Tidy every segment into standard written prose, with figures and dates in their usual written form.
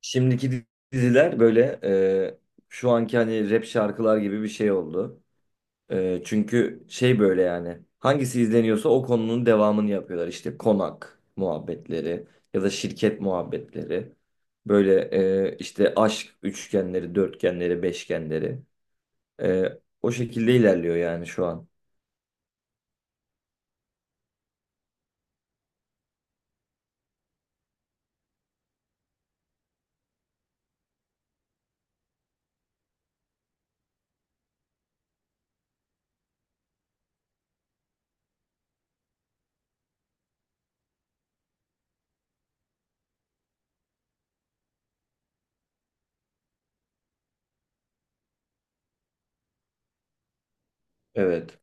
Şimdiki diziler böyle şu anki hani rap şarkılar gibi bir şey oldu. Çünkü şey böyle yani hangisi izleniyorsa o konunun devamını yapıyorlar. İşte konak muhabbetleri ya da şirket muhabbetleri. Böyle işte aşk üçgenleri, dörtgenleri, beşgenleri. E, O şekilde ilerliyor yani şu an. Evet.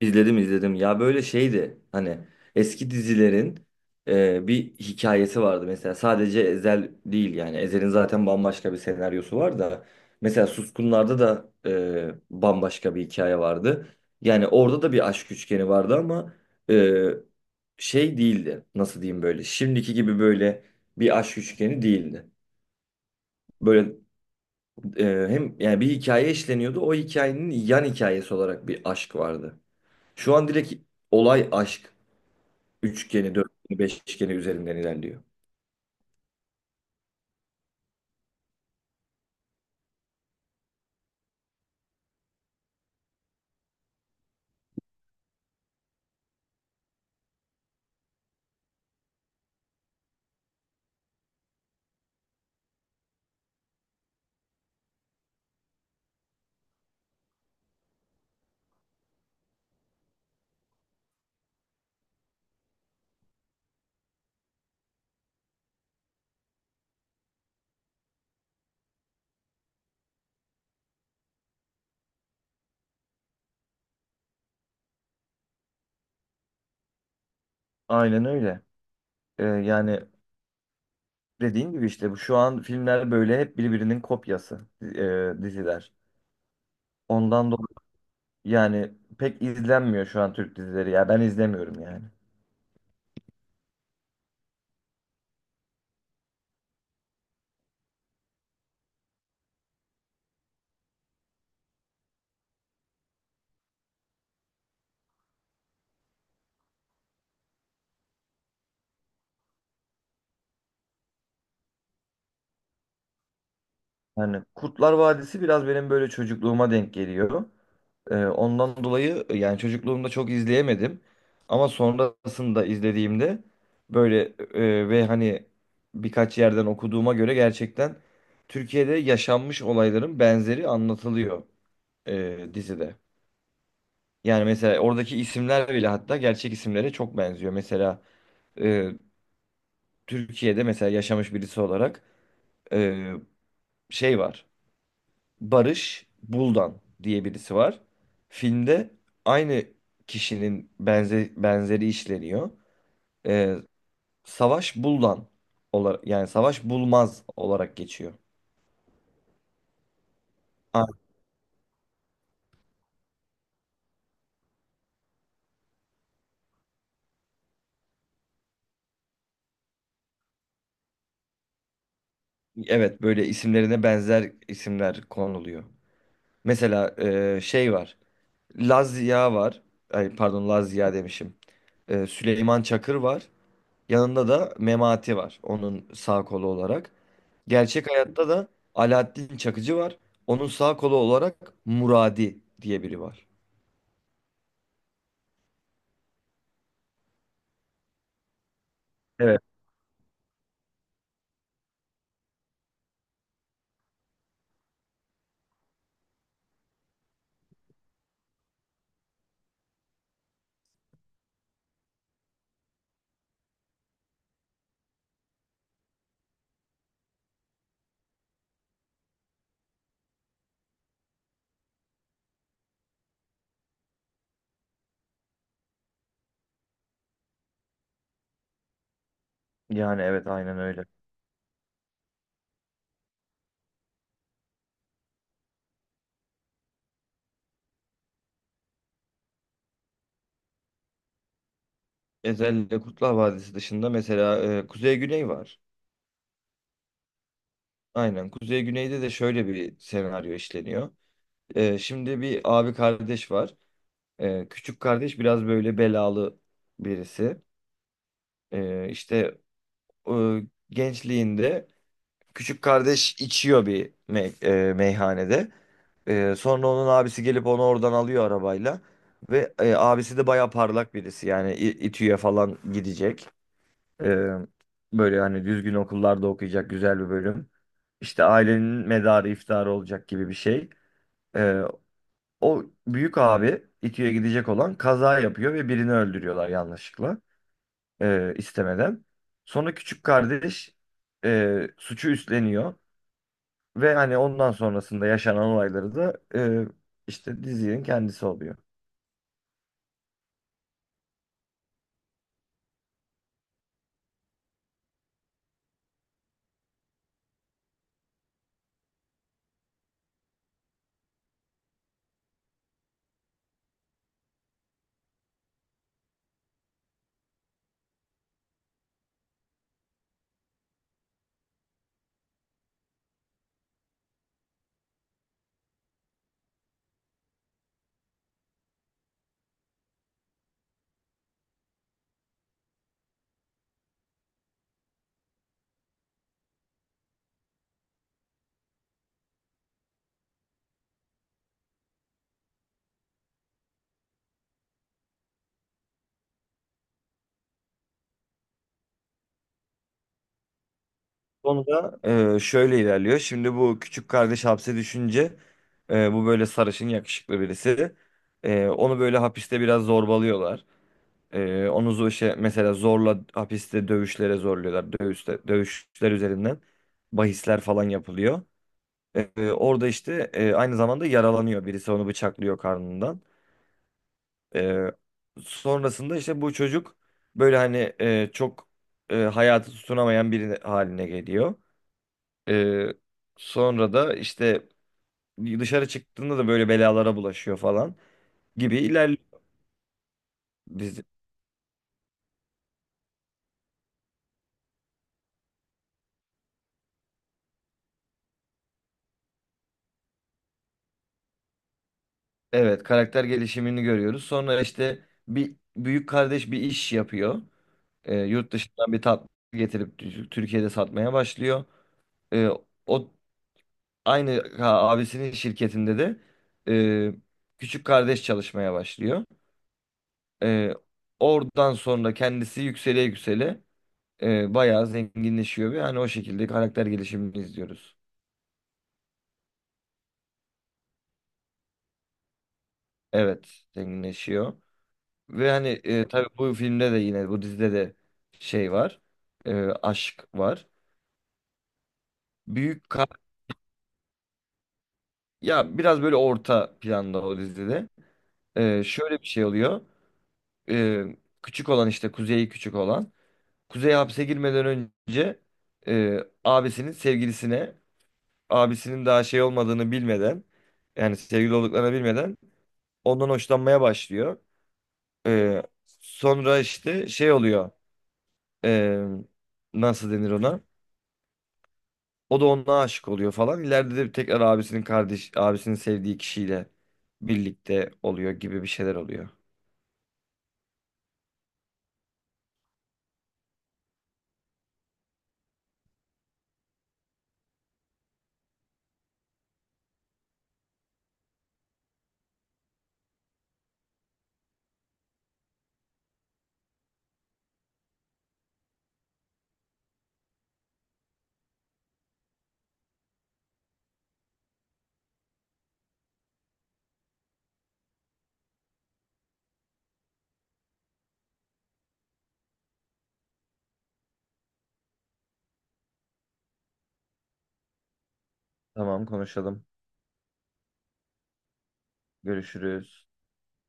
İzledim izledim. Ya böyle şeydi hani eski dizilerin bir hikayesi vardı. Mesela sadece Ezel değil yani. Ezel'in zaten bambaşka bir senaryosu var da. Mesela Suskunlar'da da bambaşka bir hikaye vardı. Yani orada da bir aşk üçgeni vardı ama e, şey değildi. Nasıl diyeyim böyle. Şimdiki gibi böyle bir aşk üçgeni değildi. Böyle hem yani bir hikaye işleniyordu. O hikayenin yan hikayesi olarak bir aşk vardı. Şu an direkt olay aşk. Üçgeni, dörtgeni, beşgeni üzerinden ilerliyor. Aynen öyle. Yani dediğin gibi işte bu şu an filmler böyle hep birbirinin kopyası diziler. Ondan dolayı yani pek izlenmiyor şu an Türk dizileri ya ben izlemiyorum yani. Yani Kurtlar Vadisi biraz benim böyle çocukluğuma denk geliyor. Ondan dolayı yani çocukluğumda çok izleyemedim. Ama sonrasında izlediğimde böyle ve hani birkaç yerden okuduğuma göre gerçekten Türkiye'de yaşanmış olayların benzeri anlatılıyor dizide. Yani mesela oradaki isimler bile hatta gerçek isimlere çok benziyor. Mesela e, Türkiye'de mesela yaşamış birisi olarak e, şey var. Barış Buldan diye birisi var. Filmde aynı kişinin benzeri işleniyor. Ee, Savaş Buldan olarak yani Savaş Bulmaz olarak geçiyor. Aa, evet böyle isimlerine benzer isimler konuluyor. Mesela şey var. Lazia var. Ay, pardon Lazia demişim. Süleyman Çakır var. Yanında da Memati var. Onun sağ kolu olarak. Gerçek hayatta da Alaaddin Çakıcı var. Onun sağ kolu olarak Muradi diye biri var. Evet. Yani evet aynen öyle. Özellikle Kurtlar Vadisi dışında mesela Kuzey Güney var. Aynen Kuzey Güney'de de şöyle bir senaryo işleniyor. E, şimdi bir abi kardeş var. E, küçük kardeş biraz böyle belalı birisi. E, işte e, gençliğinde küçük kardeş içiyor bir meyhanede. Sonra onun abisi gelip onu oradan alıyor arabayla. Ve abisi de baya parlak birisi. Yani İTÜ'ye falan gidecek. Ee, Böyle hani düzgün okullarda okuyacak güzel bir bölüm. İşte ailenin medarı iftiharı olacak gibi bir şey. Ee, O büyük abi İTÜ'ye gidecek olan kaza yapıyor ve birini öldürüyorlar yanlışlıkla. İstemeden. Sonra küçük kardeş suçu üstleniyor. Ve hani ondan sonrasında yaşanan olayları da işte dizinin kendisi oluyor. Konu da şöyle ilerliyor. Şimdi bu küçük kardeş hapse düşünce bu böyle sarışın yakışıklı birisi. E, onu böyle hapiste biraz zorbalıyorlar. E, onu şey, mesela zorla hapiste dövüşlere zorluyorlar. Dövüşler üzerinden bahisler falan yapılıyor. E, orada işte aynı zamanda yaralanıyor. Birisi onu bıçaklıyor karnından. Ee, Sonrasında işte bu çocuk böyle hani çok hayatı tutunamayan biri haline geliyor. Ee, Sonra da işte dışarı çıktığında da böyle belalara bulaşıyor falan gibi ilerliyor biz. Evet, karakter gelişimini görüyoruz. Sonra işte bir büyük kardeş bir iş yapıyor. Yurt dışından bir tatlı getirip Türkiye'de satmaya başlıyor. Ee, O aynı ha, abisinin şirketinde de e, küçük kardeş çalışmaya başlıyor. Ee, Oradan sonra kendisi yüksele yüksele bayağı zenginleşiyor ve hani o şekilde karakter gelişimini izliyoruz. Evet, zenginleşiyor. Ve hani tabii bu filmde de yine bu dizide de şey var. E, aşk var. Büyük kar ya biraz böyle orta planda o dizide. E, şöyle bir şey oluyor. E, küçük olan işte Kuzey küçük olan. Kuzey hapse girmeden önce e, abisinin sevgilisine abisinin daha şey olmadığını bilmeden yani sevgili olduklarını bilmeden ondan hoşlanmaya başlıyor. Ee, Sonra işte şey oluyor ee, nasıl denir ona? O da ona aşık oluyor falan. İleride de tekrar abisinin kardeş abisinin sevdiği kişiyle birlikte oluyor gibi bir şeyler oluyor. Tamam konuşalım. Görüşürüz.